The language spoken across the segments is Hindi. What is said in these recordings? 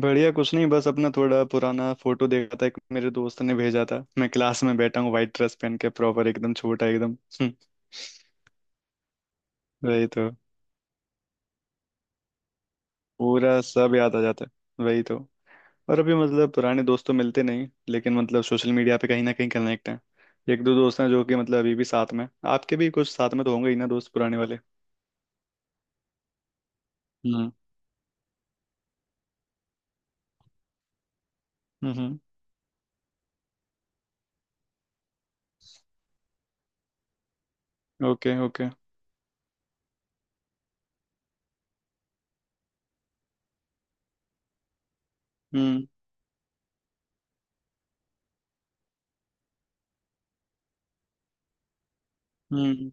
बढ़िया, कुछ नहीं, बस अपना थोड़ा पुराना फोटो देखा था, एक मेरे दोस्त ने भेजा था। मैं क्लास में बैठा हूँ, व्हाइट ड्रेस पहन के, प्रॉपर एकदम छोटा एकदम। हम्म, वही तो। पूरा सब याद आ जाता है, वही तो। और अभी मतलब पुराने दोस्त तो मिलते नहीं, लेकिन मतलब सोशल मीडिया पे कहीं ना कहीं कनेक्ट हैं। एक दो दोस्त हैं जो कि मतलब अभी भी साथ में। आपके भी कुछ साथ में तो होंगे ही ना, दोस्त पुराने वाले। हम्म। हम्म। Okay okay. हम्म, okay, okay। हम्म।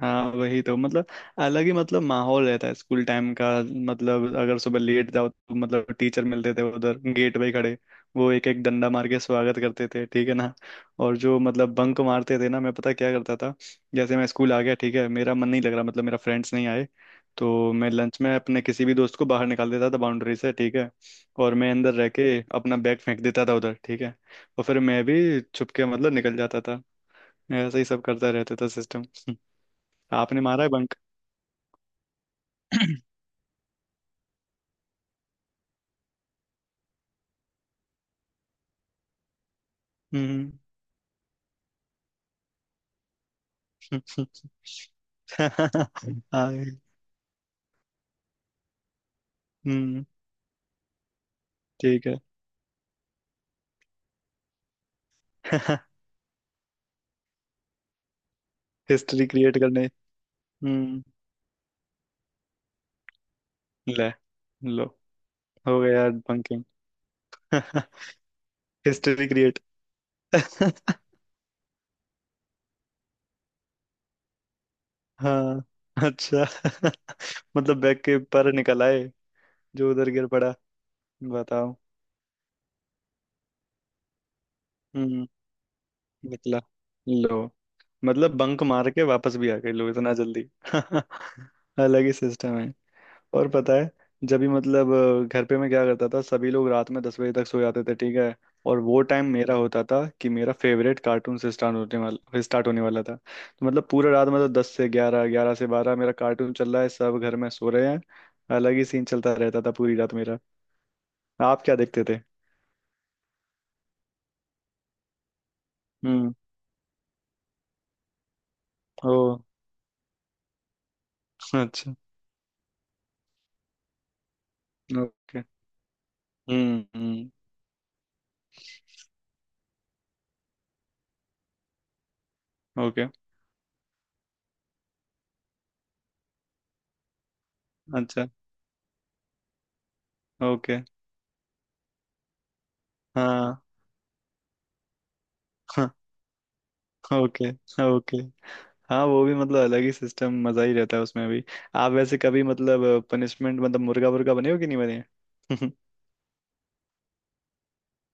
हाँ, वही तो मतलब अलग ही मतलब माहौल रहता है स्कूल टाइम का। मतलब अगर सुबह लेट जाओ तो मतलब टीचर मिलते थे उधर गेट पे खड़े। वो एक एक डंडा मार के स्वागत करते थे, ठीक है ना। और जो मतलब बंक मारते थे ना, मैं पता क्या करता था। जैसे मैं स्कूल आ गया, ठीक है, मेरा मन नहीं लग रहा, मतलब मेरा फ्रेंड्स नहीं आए। तो मैं लंच में अपने किसी भी दोस्त को बाहर निकाल देता था बाउंड्री से, ठीक है। और मैं अंदर रह के अपना बैग फेंक देता था उधर, ठीक है। और फिर मैं भी छुप के मतलब निकल जाता था। ऐसे ही सब करता रहता था सिस्टम। आपने मारा है बंक? हम्म। आए। हम्म। ठीक है। हिस्ट्री क्रिएट करने। हम्म। ले लो। हो गया यार बंकिंग। History create. हाँ। अच्छा, मतलब बैग के पर निकल आए जो उधर गिर पड़ा। बताओ। हम्म। निकला। लो, मतलब बंक मार के वापस भी आ गए, लो, इतना जल्दी। अलग ही सिस्टम है। और पता है, जब भी मतलब घर पे मैं क्या करता था, सभी लोग रात में 10 बजे तक सो जाते थे, ठीक है। और वो टाइम मेरा होता था कि मेरा फेवरेट कार्टून से स्टार्ट होने वाला था तो मतलब पूरा रात मतलब 10 से 11, 11 से 12 मेरा कार्टून चल रहा है, सब घर में सो रहे हैं। अलग ही सीन चलता रहता था पूरी रात मेरा। आप क्या देखते थे? हम्म। ओ, अच्छा। ओके। हम्म। ओके। अच्छा। ओके। हाँ। हाँ, ओके। ओके। हाँ, वो भी मतलब अलग ही सिस्टम, मजा ही रहता है उसमें भी। आप वैसे कभी मतलब पनिशमेंट मतलब मुर्गा मुर्गा बने हो कि नहीं बने?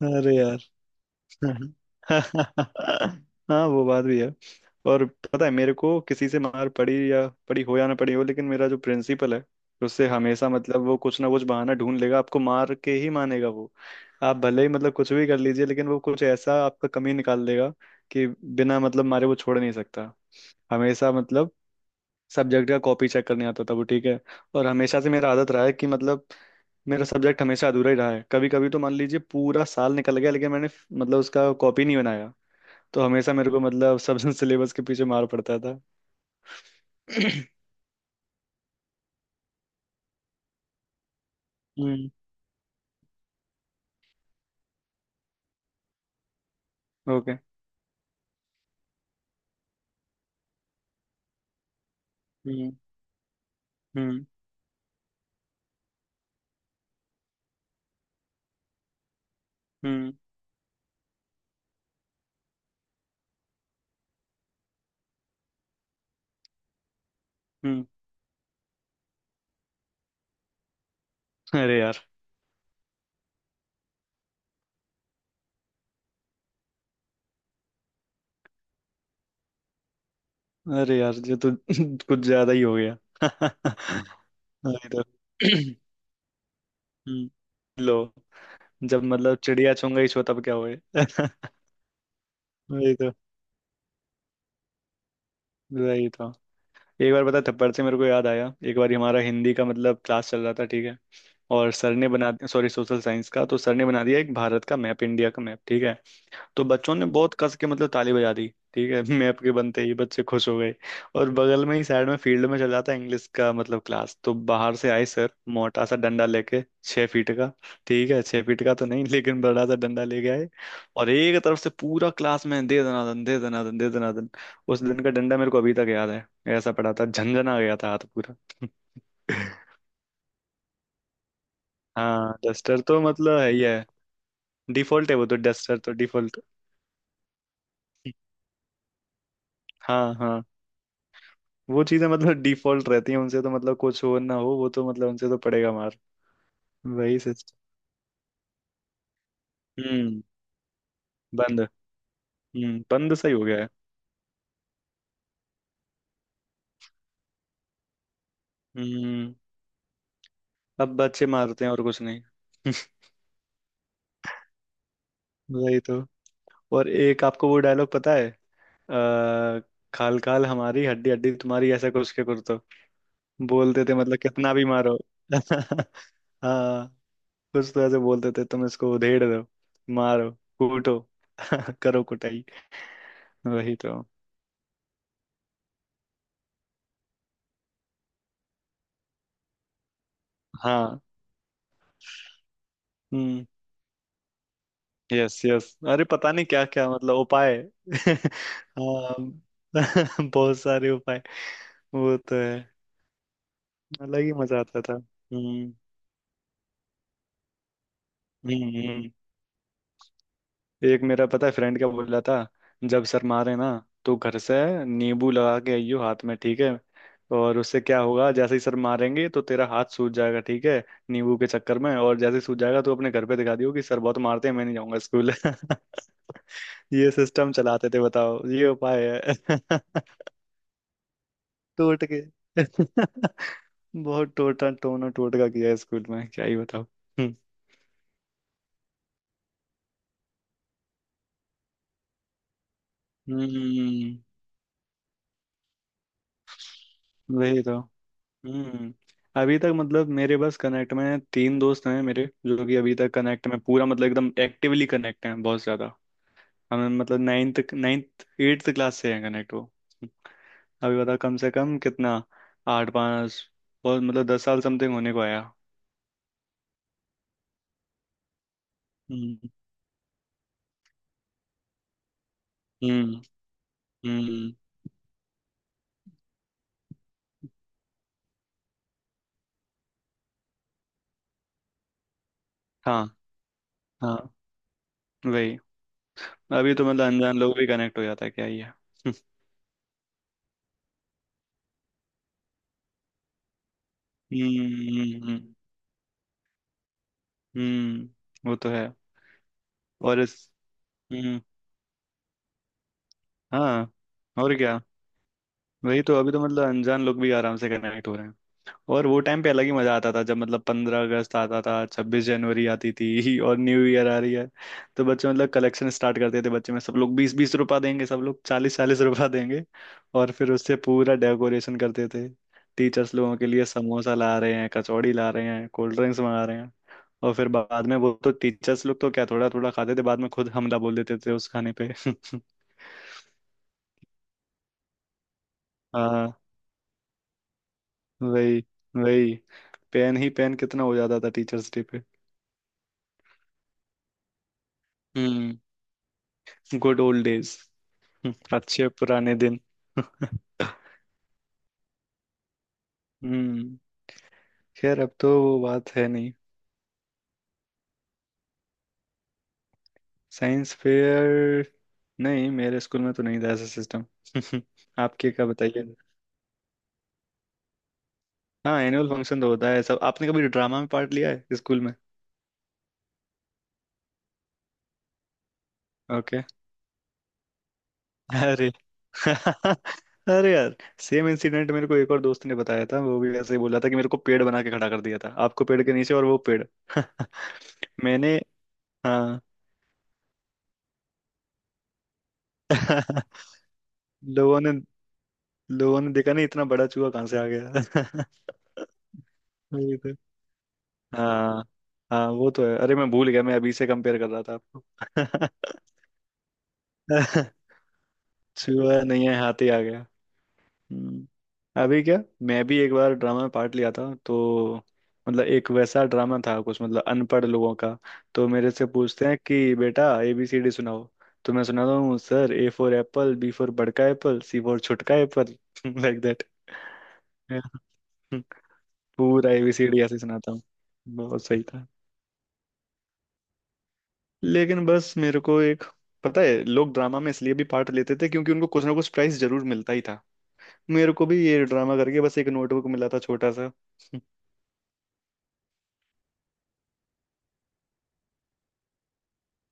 अरे यार। हाँ, वो बात भी है। और पता है, मेरे को किसी से मार पड़ी या पड़ी हो या ना पड़ी हो, लेकिन मेरा जो प्रिंसिपल है, उससे हमेशा मतलब वो कुछ ना कुछ बहाना ढूंढ लेगा, आपको मार के ही मानेगा वो। आप भले ही मतलब कुछ भी कर लीजिए, लेकिन वो कुछ ऐसा आपका कमी निकाल देगा कि बिना मतलब मारे वो छोड़ नहीं सकता। हमेशा मतलब सब्जेक्ट का कॉपी चेक करने आता था वो, ठीक है। और हमेशा से मेरा आदत रहा है कि मतलब मेरा सब्जेक्ट हमेशा अधूरा ही रहा है। कभी कभी तो मान लीजिए पूरा साल निकल गया, लेकिन मैंने मतलब उसका कॉपी नहीं बनाया। तो हमेशा मेरे को मतलब सब सिलेबस के पीछे मार पड़ता था। हम्म। ओके। हम्म हम्म हम्म। हम्म। अरे यार। अरे यार, ये तो कुछ ज्यादा ही हो गया। अरे तो हम्म, लो। जब मतलब चिड़िया चुंगा ही छो तब क्या हुए। वही तो। वही तो। एक बार पता है, थप्पड़ से मेरे को याद आया, एक बार हमारा हिंदी का मतलब क्लास चल रहा था, ठीक है। और सर ने बना, सॉरी, सोशल साइंस का। तो सर ने बना दिया एक भारत का मैप, इंडिया का मैप, ठीक है। तो बच्चों ने बहुत कस के मतलब ताली बजा दी, ठीक है। मैप के बनते ही बच्चे खुश हो गए। और बगल में ही साइड में फील्ड में चल रहा था इंग्लिश का मतलब क्लास। तो बाहर से आए सर मोटा सा डंडा लेके, 6 फीट का, ठीक है, 6 फीट का तो नहीं लेकिन बड़ा सा डंडा लेके आए। और एक तरफ से पूरा क्लास में दे दनादन दे दनादन दे दनादन। उस दिन का डंडा मेरे को अभी तक याद है। ऐसा पड़ा था, झंझना गया था हाथ पूरा। हाँ, डस्टर तो मतलब है ही है, डिफॉल्ट है वो तो, डस्टर तो डिफॉल्ट। हाँ हाँ। वो चीजें मतलब डिफॉल्ट रहती हैं, उनसे तो मतलब कुछ हो ना हो, वो तो मतलब उनसे तो पड़ेगा मार। वही सिस्टम। हम्म। बंद। हम्म, बंद सही हो गया है। हम्म। अब बच्चे मारते हैं और कुछ नहीं। वही तो। और एक आपको वो डायलॉग पता है? आ, खाल खाल हमारी, हड्डी हड्डी तुम्हारी, ऐसा कुछ के कुर्तो बोलते थे, मतलब कितना भी मारो। हाँ, कुछ तो ऐसे बोलते थे, तुम इसको उधेड़ दो, मारो, कूटो। करो कुटाई। वही तो। हाँ। हम्म। Yes yes. अरे पता नहीं क्या क्या मतलब उपाय। हाँ। बहुत सारे उपाय। वो तो है। अलग ही मजा आता था। हम्म हम्म। एक मेरा पता है फ्रेंड क्या बोल रहा था, जब सर मारे ना तो घर से नींबू लगा के आइयो हाथ में, ठीक है। और उससे क्या होगा, जैसे ही सर मारेंगे तो तेरा हाथ सूज जाएगा, ठीक है, नींबू के चक्कर में। और जैसे ही सूज जाएगा तो अपने घर पे दिखा दियो कि सर बहुत मारते हैं, मैं नहीं जाऊंगा स्कूल। ये सिस्टम चलाते थे, बताओ, ये उपाय है। टोट के। बहुत टोटा टोना टोटका किया है स्कूल में, क्या ही बताओ। हम्म। हम्म, वही तो। हम्म। अभी तक मतलब मेरे बस कनेक्ट में 3 दोस्त हैं मेरे, जो कि अभी तक कनेक्ट में पूरा मतलब एकदम एक्टिवली कनेक्ट हैं, बहुत ज्यादा। हमें मतलब नाइन्थ नाइन्थ एट्थ क्लास से हैं कनेक्ट वो। अभी बता, कम से कम कितना, आठ पाँच, और मतलब 10 साल समथिंग होने को आया। हम्म हम्म हम्म। हाँ हाँ। वही। अभी तो मतलब अनजान लोग भी कनेक्ट हो जाता है क्या ये। हम्म हम्म। हम्म, वो तो है। और इस। हम्म। हाँ। और क्या। वही तो, अभी तो मतलब अनजान लोग भी आराम से कनेक्ट हो रहे हैं। और वो टाइम पे अलग ही मजा आता था, जब मतलब 15 अगस्त आता था, 26 जनवरी आती थी और न्यू ईयर आ रही है, तो बच्चे मतलब कलेक्शन स्टार्ट करते थे बच्चे में, सब लोग 20-20 रुपया देंगे, सब लोग 40-40 रुपया देंगे। और फिर उससे पूरा डेकोरेशन करते थे। टीचर्स लोगों के लिए समोसा ला रहे हैं, कचौड़ी ला रहे हैं, कोल्ड ड्रिंक्स मंगा रहे हैं। और फिर बाद में वो तो टीचर्स लोग तो क्या थोड़ा थोड़ा खाते थे, बाद में खुद हमला बोल देते थे उस खाने पे। हाँ। वही। वही। पेन ही पेन कितना हो जाता था टीचर्स डे पे। हम्म। Good old days. अच्छे पुराने दिन। हम्म। खैर अब तो वो बात है नहीं। Science fair? नहीं, मेरे स्कूल में तो नहीं था ऐसा सिस्टम। आपके क्या बताइए। हाँ, एनुअल फंक्शन तो होता है सब। आपने कभी ड्रामा में पार्ट लिया है स्कूल में? ओके। अरे। अरे यार, सेम इंसिडेंट मेरे को एक और दोस्त ने बताया था, वो भी ऐसे ही बोला था कि मेरे को पेड़ बना के खड़ा कर दिया था, आपको पेड़ के नीचे और वो पेड़। मैंने। हाँ। लोगों ने, लोगों ने देखा नहीं, इतना बड़ा चूहा कहाँ से आ गया। वही तो। हाँ हाँ, वो तो है। अरे मैं भूल गया, मैं अभी से कंपेयर कर रहा था आपको। चूहा नहीं है, हाथी। आ हम्म, अभी क्या, मैं भी एक बार ड्रामा में पार्ट लिया था। तो मतलब एक वैसा ड्रामा था, कुछ मतलब अनपढ़ लोगों का। तो मेरे से पूछते हैं कि बेटा ABCD सुनाओ। तो मैं सुनाता हूँ, sir A for Apple, B for बड़का Apple, C for छुटका Apple, like that. पूरा ABCD ऐसे सुनाता हूँ। बहुत सही था। लेकिन बस मेरे को एक, पता है, लोग ड्रामा में इसलिए भी पार्ट लेते थे क्योंकि उनको कुछ ना कुछ प्राइस जरूर मिलता ही था। मेरे को भी ये ड्रामा करके बस एक नोटबुक मिला था, छोटा सा।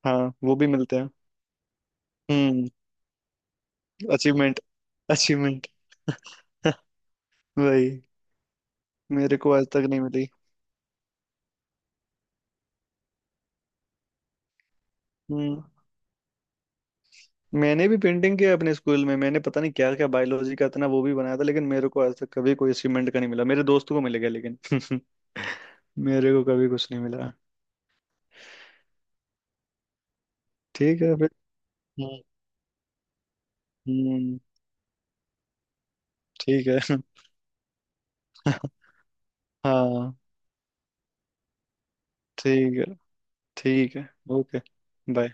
हाँ, वो भी मिलते हैं। हम्म। अचीवमेंट। अचीवमेंट। वही। मेरे को आज तक नहीं मिली। हम्म। मैंने भी पेंटिंग किया अपने स्कूल में, मैंने पता नहीं क्या क्या, बायोलॉजी का इतना वो भी बनाया था, लेकिन मेरे को आज तक कभी कोई अचीवमेंट का नहीं मिला, मेरे दोस्तों को मिल गया लेकिन। मेरे को कभी कुछ नहीं मिला। ठीक है फिर। हम्म। हम्म, ठीक है। हाँ। ठीक है। ठीक है। ओके। बाय।